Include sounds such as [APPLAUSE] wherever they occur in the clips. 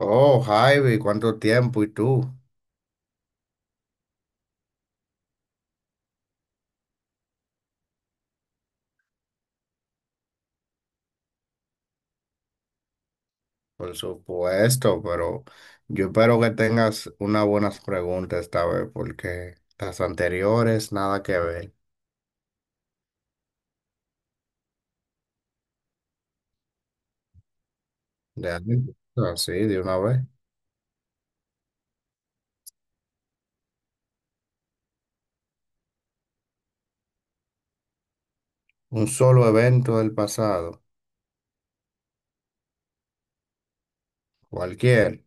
Oh, Javi, ¿cuánto tiempo? ¿Y tú? Por supuesto, pero yo espero que tengas unas buenas preguntas esta vez, porque las anteriores nada que ver. De ahí, así, de una vez. Un solo evento del pasado, cualquier.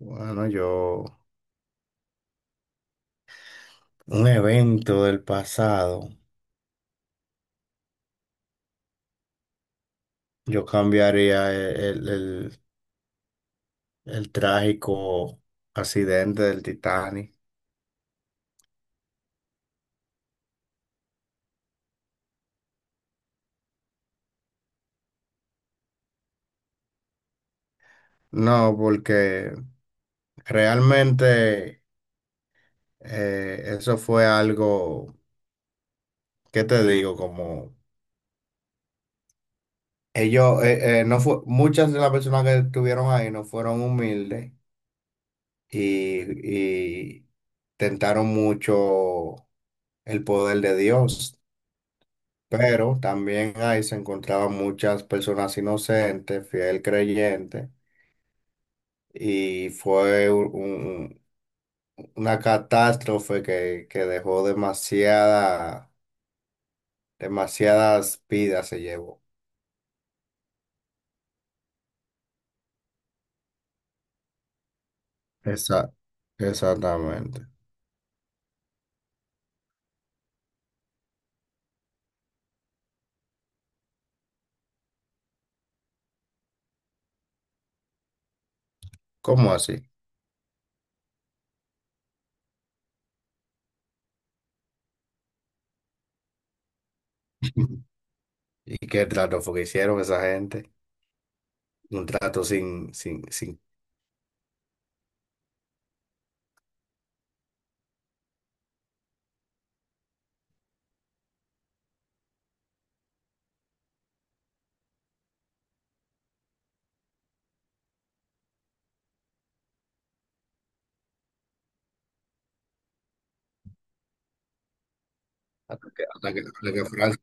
Bueno, yo, un evento del pasado, yo cambiaría el trágico accidente del Titanic. No, porque realmente, eso fue algo. ¿Qué te digo? Como ellos, no fue, muchas de las personas que estuvieron ahí no fueron humildes y tentaron mucho el poder de Dios, pero también ahí se encontraban muchas personas inocentes, fiel creyentes, y fue una catástrofe que dejó demasiadas vidas se llevó. Esa... Exactamente. ¿Cómo así? [LAUGHS] ¿Y qué trato fue que hicieron esa gente? Un trato sin, hasta que Francia,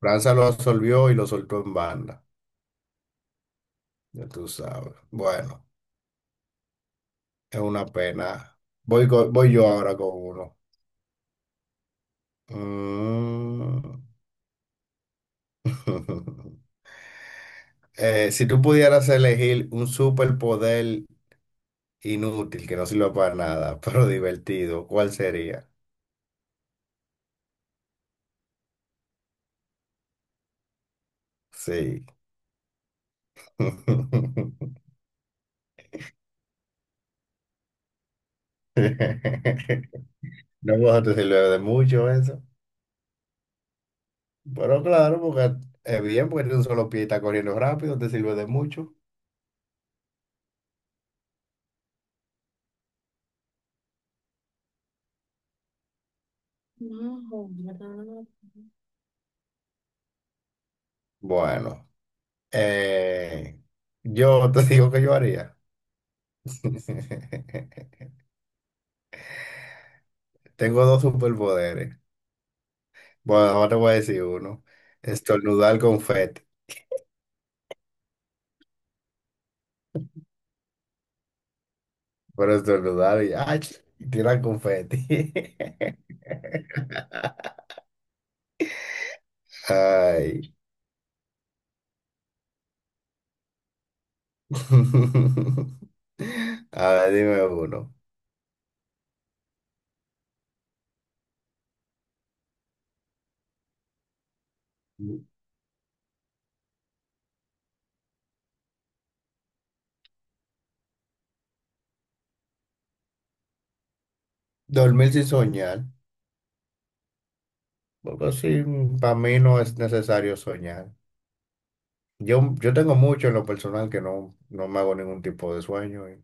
Francia lo absolvió y lo soltó en banda. Ya tú sabes. Bueno, es una pena. Voy yo ahora con uno. Mm. [LAUGHS] Si tú pudieras elegir un superpoder inútil que no sirva para nada, [LAUGHS] pero divertido, ¿cuál sería? Sí. [LAUGHS] [LAUGHS] No, pues te sirve de mucho eso. Pero claro, porque es bien, porque tiene un solo pie y está corriendo rápido, te sirve de mucho. Bueno, eh, yo te [LAUGHS] digo que yo haría. [LAUGHS] Tengo dos superpoderes. Bueno, ahora te voy a decir uno. Estornudar confeti. Pero estornudar y, ¡ay!, y tirar confeti. [LAUGHS] Ay. [LAUGHS] A ver, dime uno. Dormir sin soñar. Porque así, para mí no es necesario soñar. Yo tengo mucho en lo personal que no, no me hago ningún tipo de sueño. Y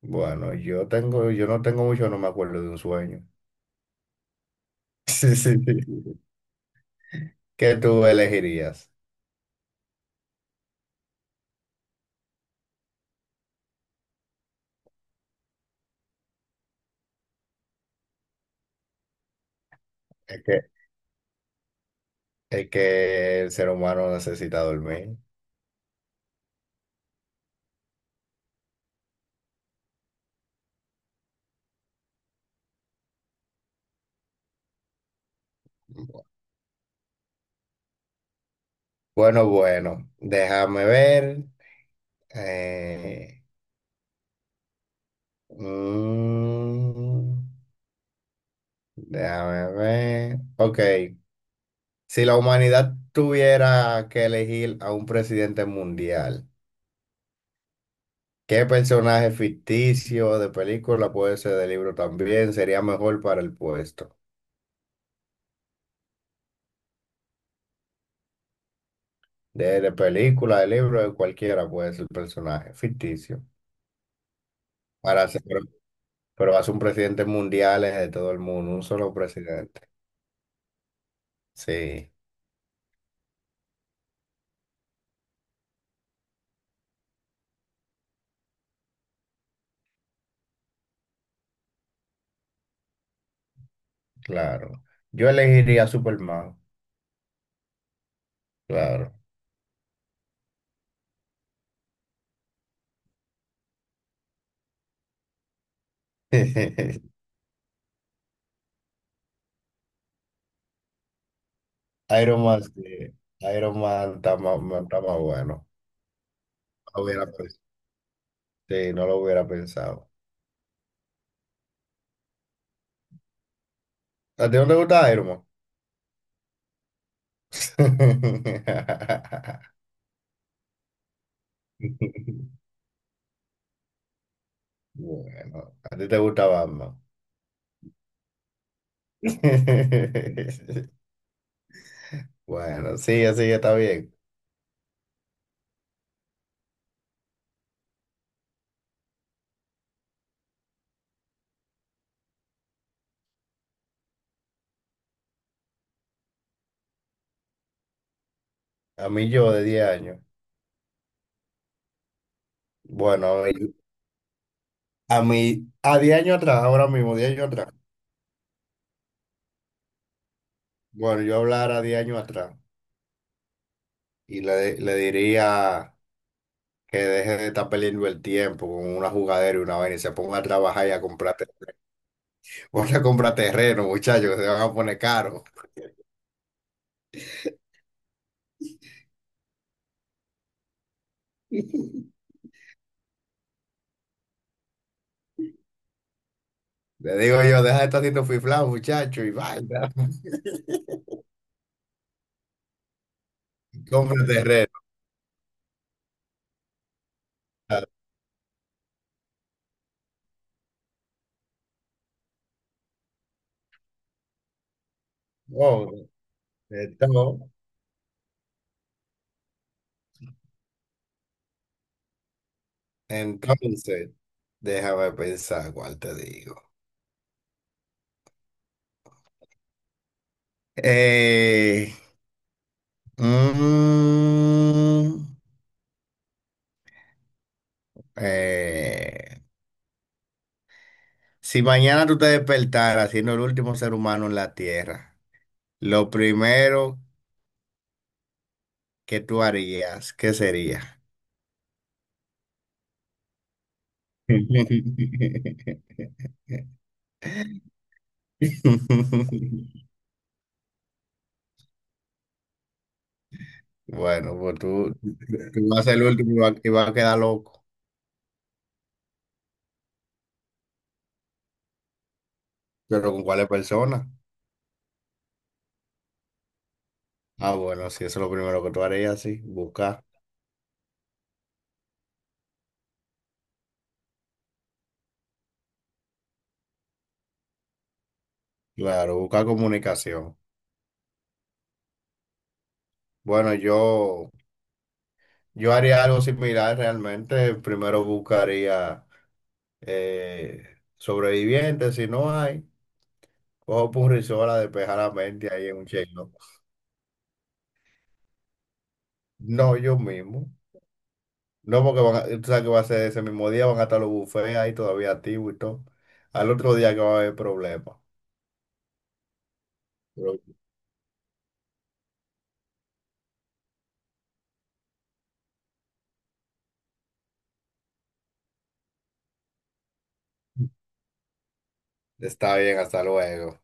bueno, yo tengo, yo no tengo mucho, no me acuerdo de un sueño. [LAUGHS] Sí, sí, sí. ¿Qué tú elegirías? Es que, es que el ser humano necesita dormir. Bueno, bueno, déjame ver. eh, mm, Déjame ver. Ok. Si la humanidad tuviera que elegir a un presidente mundial, ¿qué personaje ficticio de película, puede ser de libro también, sería mejor para el puesto? De película, de libro, de cualquiera puede ser el personaje ficticio. Para hacer, pero vas a un presidente mundial, es de todo el mundo, un solo presidente. Sí, claro. Yo elegiría a Superman, claro. [LAUGHS] Iron Man, sí. Iron Man está más bueno. Hubiera sí, no lo hubiera pensado. ¿A ti no te gusta Iron Man? [LAUGHS] Bueno, a ti te gusta Batman. [LAUGHS] Bueno, sí, así está bien. A mí yo de 10 años. Bueno, a 10 años atrás, ahora mismo, 10 años atrás. Bueno, yo hablara 10 años atrás y le diría que deje de estar perdiendo el tiempo con una jugadera y una vaina, y se ponga a trabajar y a comprar, te- [LAUGHS] ponte a comprar terreno, muchachos, que se van a poner caros. [LAUGHS] Le digo yo, deja de estar haciendo fiflado, muchacho, y vaya. [LAUGHS] Compra terreno. Oh, entonces, entonces, déjame pensar cuál te digo. Eh, mm, eh, si mañana tú te despertaras siendo el último ser humano en la Tierra, lo primero que tú harías, ¿qué sería? [LAUGHS] Bueno, pues tú vas a ser el [LAUGHS] último, y y vas a quedar loco. Pero ¿con cuáles personas? Ah, bueno, sí, eso es lo primero que tú harías, sí, buscar. Claro, buscar comunicación. Bueno, yo haría algo similar realmente. Primero buscaría eh, sobrevivientes; si no hay, cojo punrisola, despejar la mente ahí en un chelo. No, yo mismo. No, porque tú sabes que va a ser ese mismo día, van a estar los bufés ahí todavía activos y todo. Al otro día que va a haber problemas. Está bien, hasta luego.